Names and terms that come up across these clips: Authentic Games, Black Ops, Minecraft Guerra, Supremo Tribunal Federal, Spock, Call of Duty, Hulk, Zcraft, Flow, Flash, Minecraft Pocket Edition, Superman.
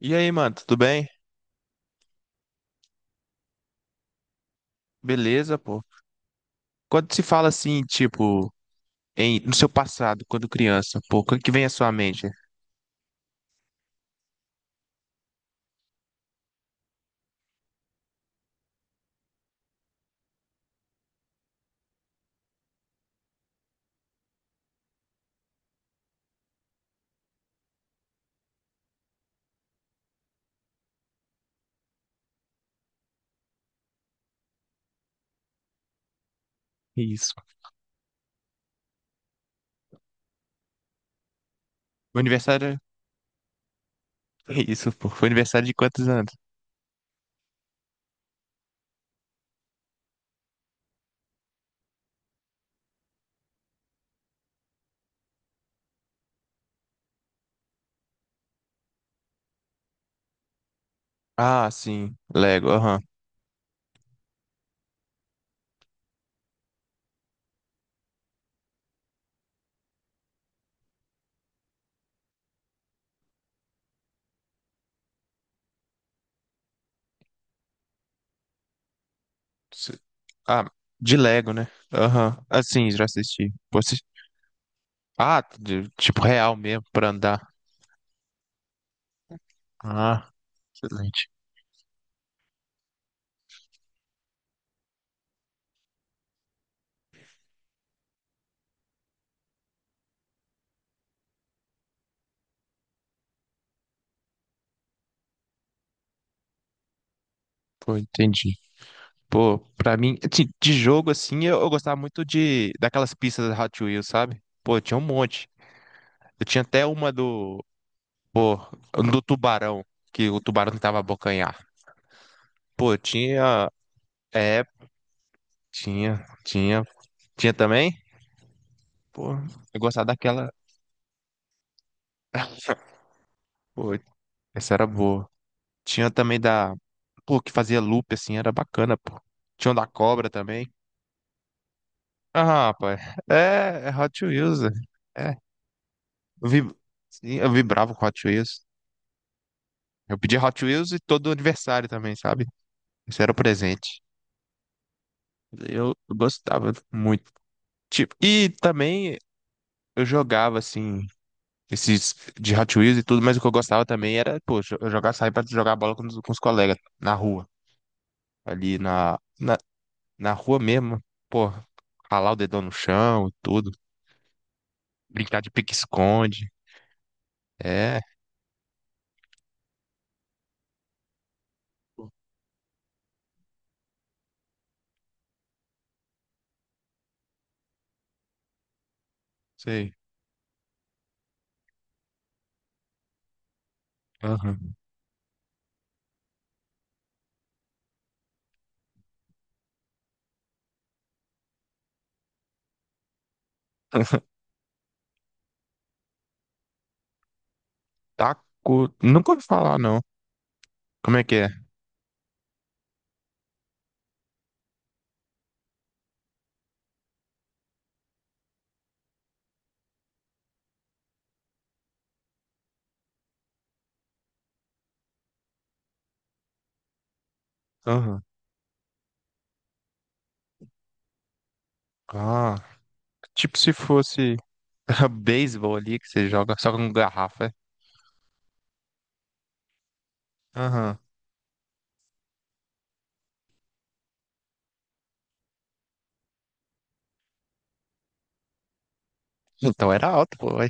E aí, mano, tudo bem? Beleza, pô. Quando se fala assim, tipo, no seu passado, quando criança, pô, o que que vem à sua mente? Isso. O aniversário. Isso, pô. Foi aniversário de quantos anos? Ah, sim. Lego, aham. Se- Ah, de Lego, né? Aham. Assim, já assisti. Pô, tipo real mesmo pra andar. Ah, excelente. Pô, entendi. Pô, pra mim, assim, de jogo assim, eu gostava muito de daquelas pistas da Hot Wheels, sabe? Pô, tinha um monte. Eu tinha até uma do, pô, um do tubarão, que o tubarão tentava abocanhar. Pô, tinha, é, tinha, tinha também. Pô, eu gostava daquela. Pô, essa era boa. Tinha também da, pô, que fazia loop assim, era bacana, pô. Tinha um da cobra também. Ah, rapaz. É, é Hot Wheels. É. Eu vi, sim, eu vibrava com Hot Wheels. Eu pedi Hot Wheels e todo aniversário também, sabe? Esse era o presente. Eu gostava muito. Tipo, e também eu jogava, assim, esses de Hot Wheels e tudo, mas o que eu gostava também era, poxa, eu jogar, sair pra jogar bola com os colegas na rua. Ali na, na, na rua mesmo. Pô, ralar o dedão no chão e tudo. Brincar de pique-esconde. É, sei. Aham. Taco. Nunca ouvi falar, não. Como é que é? Aham. Ah, tipo se fosse beisebol ali que você joga só com garrafa, é? Aham. Então era alto, pô. Ué.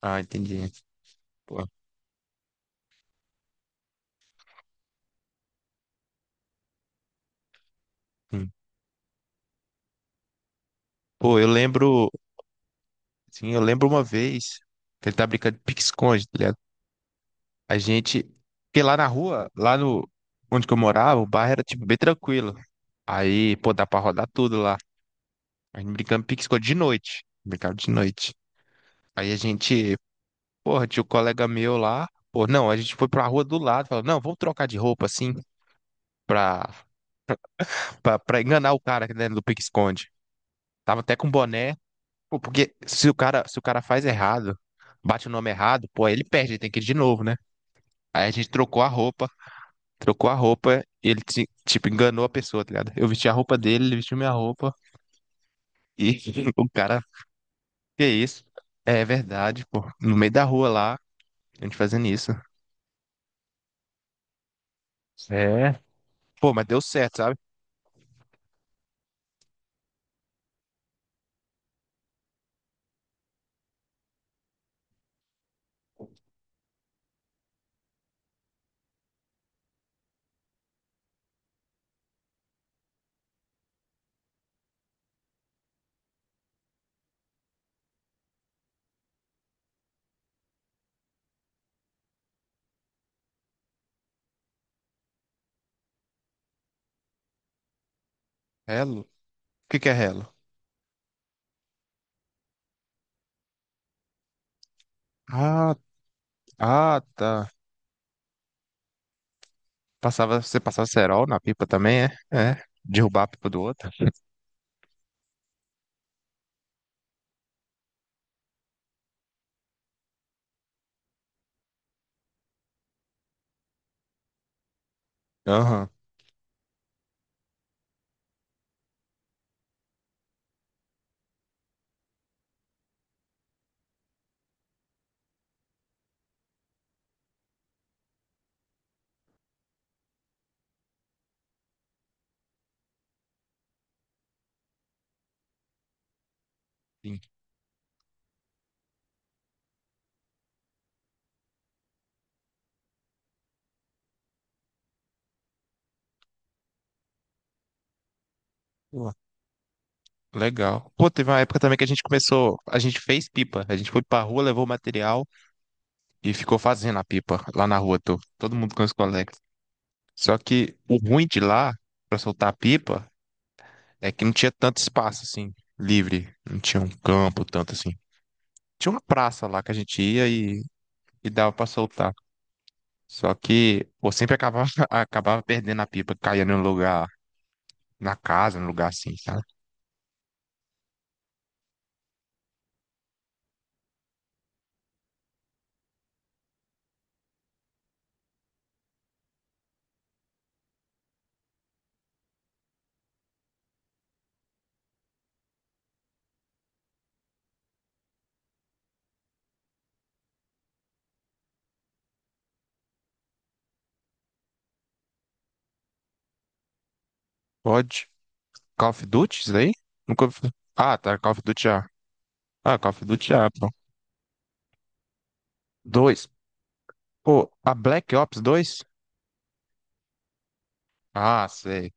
Ah, entendi. Pô, hum. Pô, eu lembro. Sim, eu lembro uma vez que ele tá brincando de pique-esconde, tá ligado? A gente. Porque lá na rua, lá no. Onde que eu morava, o bairro era, tipo, bem tranquilo. Aí, pô, dá pra rodar tudo lá. A gente brincando de pique-esconde de noite. Brincava de noite. Aí a gente porra, tinha um colega meu lá. Pô, não, a gente foi pra rua do lado. Falou, não, vamos trocar de roupa assim pra, pra enganar o cara aqui dentro do pique-esconde. Tava até com boné. Pô, porque se o cara faz errado, bate o nome errado, pô, aí ele perde, ele tem que ir de novo, né? Aí a gente trocou a roupa, e ele, tipo, enganou a pessoa, tá ligado? Eu vesti a roupa dele, ele vestiu minha roupa, e o cara, que isso? É verdade, pô. No meio da rua lá, a gente fazendo isso. É. Pô, mas deu certo, sabe? Relo? O que que é relo? Ah, ah, tá. Passava, você passava cerol na pipa também, é? É. Derrubar a pipa do outro. Aham. Sim. Pô, legal. Pô, teve uma época também que a gente começou, a gente fez pipa. A gente foi pra rua, levou o material e ficou fazendo a pipa lá na rua, tô. Todo mundo com os colegas. Só que o ruim de lá, pra soltar a pipa, é que não tinha tanto espaço, assim, livre. Não tinha um campo tanto assim. Tinha uma praça lá que a gente ia e dava pra soltar. Só que eu sempre acabava, acabava perdendo a pipa, caía no lugar, na casa, no lugar assim, sabe? Pode. Call of Duty, isso daí? Nunca ouvi falar. Ah, tá, Call of Duty já. Ah, Call of Duty já, pô. Dois. Pô, a Black Ops dois, ah, sei.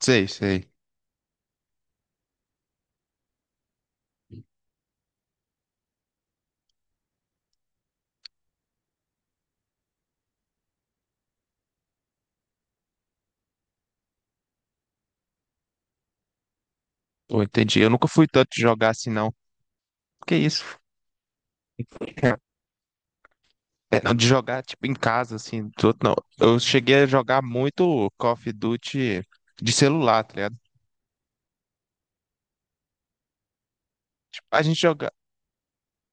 Sei, sei. Pô, entendi. Eu nunca fui tanto de jogar assim, não. Que isso? É, não, de jogar, tipo, em casa, assim, tudo, não. Eu cheguei a jogar muito Call of Duty de celular, tá ligado? Tipo, a gente joga,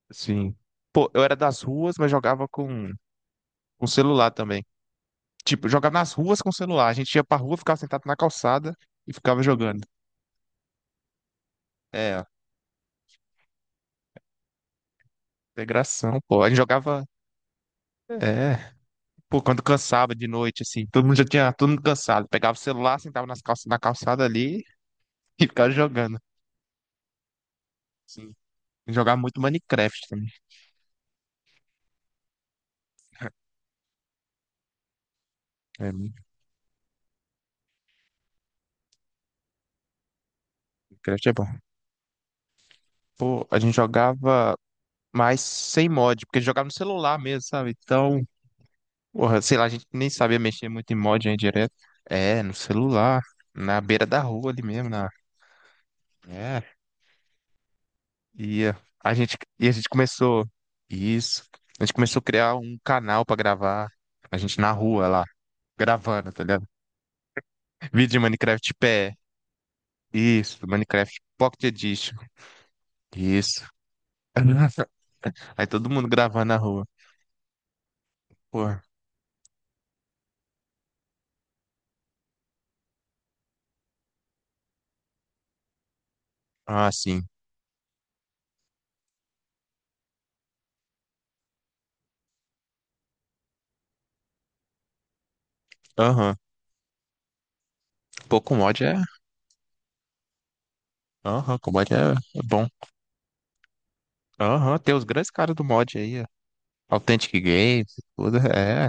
assim... Pô, eu era das ruas, mas jogava com celular também. Tipo, jogava nas ruas com celular. A gente ia pra rua, ficava sentado na calçada e ficava jogando. É, ó, integração, pô. A gente jogava. É. Pô, quando cansava de noite, assim, todo mundo já tinha todo mundo cansado. Pegava o celular, sentava na calçada ali e ficava jogando. Sim. Jogava muito Minecraft também. É, Minecraft é bom. Pô, a gente jogava mais sem mod, porque jogava no celular mesmo, sabe? Então, porra, sei lá, a gente nem sabia mexer muito em mod aí direto. É, no celular, na beira da rua ali mesmo, na é, e eh, e a gente começou isso. A gente começou a criar um canal pra gravar. A gente na rua lá, gravando, tá ligado? Vídeo de Minecraft pé. Isso, Minecraft Pocket Edition. Isso. Aí todo mundo gravando na rua. Pô, ah, sim. Aham. Pô, com mod é. Aham, com mod é é bom. Aham, tem os grandes caras do mod aí. Ó. Authentic Games, tudo. É.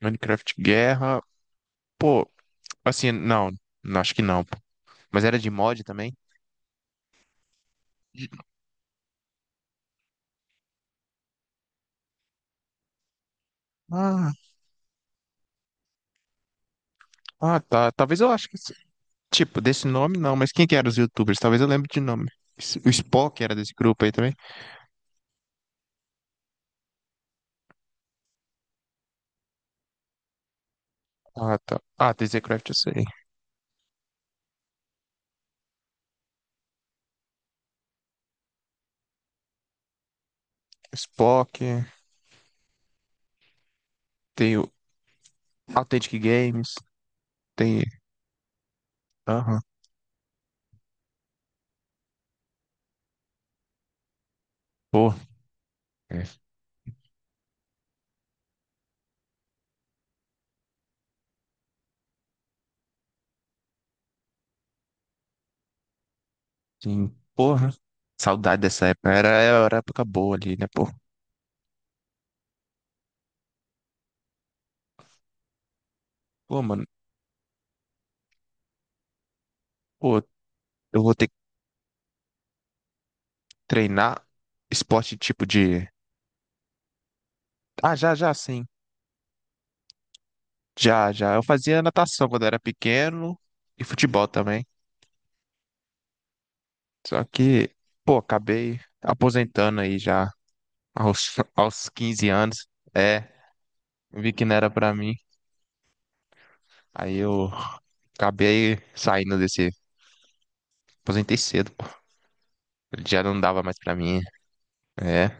Minecraft Guerra. Pô, assim, não. Não, acho que não. Pô. Mas era de mod também? Ah, ah, tá. Talvez eu acho que. Esse- Tipo, desse nome não, mas quem que eram os YouTubers? Talvez eu lembre de nome. O Spock era desse grupo aí também? Ah, tá. Ah, tem Zcraft, eu sei. Spock, tem o Authentic Games, tem. Aham. Pô, é. Sim. Porra. Saudade dessa época. Era, era época boa ali, né, pô? Pô, mano. Pô, eu vou ter que treinar esporte tipo de. Ah, já, já, sim. Já, já. Eu fazia natação quando era pequeno e futebol também. Só que, pô, acabei aposentando aí já aos 15 anos. É, vi que não era pra mim. Aí eu acabei saindo desse. Aposentei cedo, pô. Já não dava mais pra mim. É.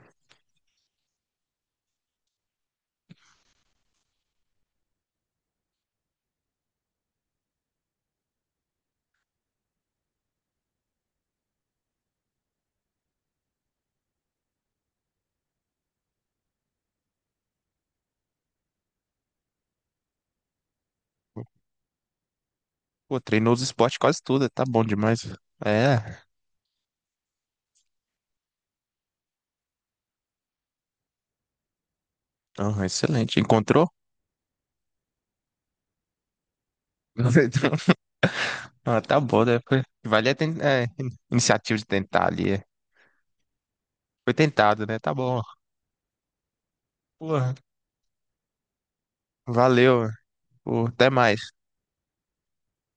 Pô, treinou os esportes quase tudo. Tá bom demais. É. Ah, excelente. Encontrou? Ah, tá bom, né? É, iniciativa de tentar ali. Foi tentado, né? Tá bom. Porra, valeu. Pô, até mais.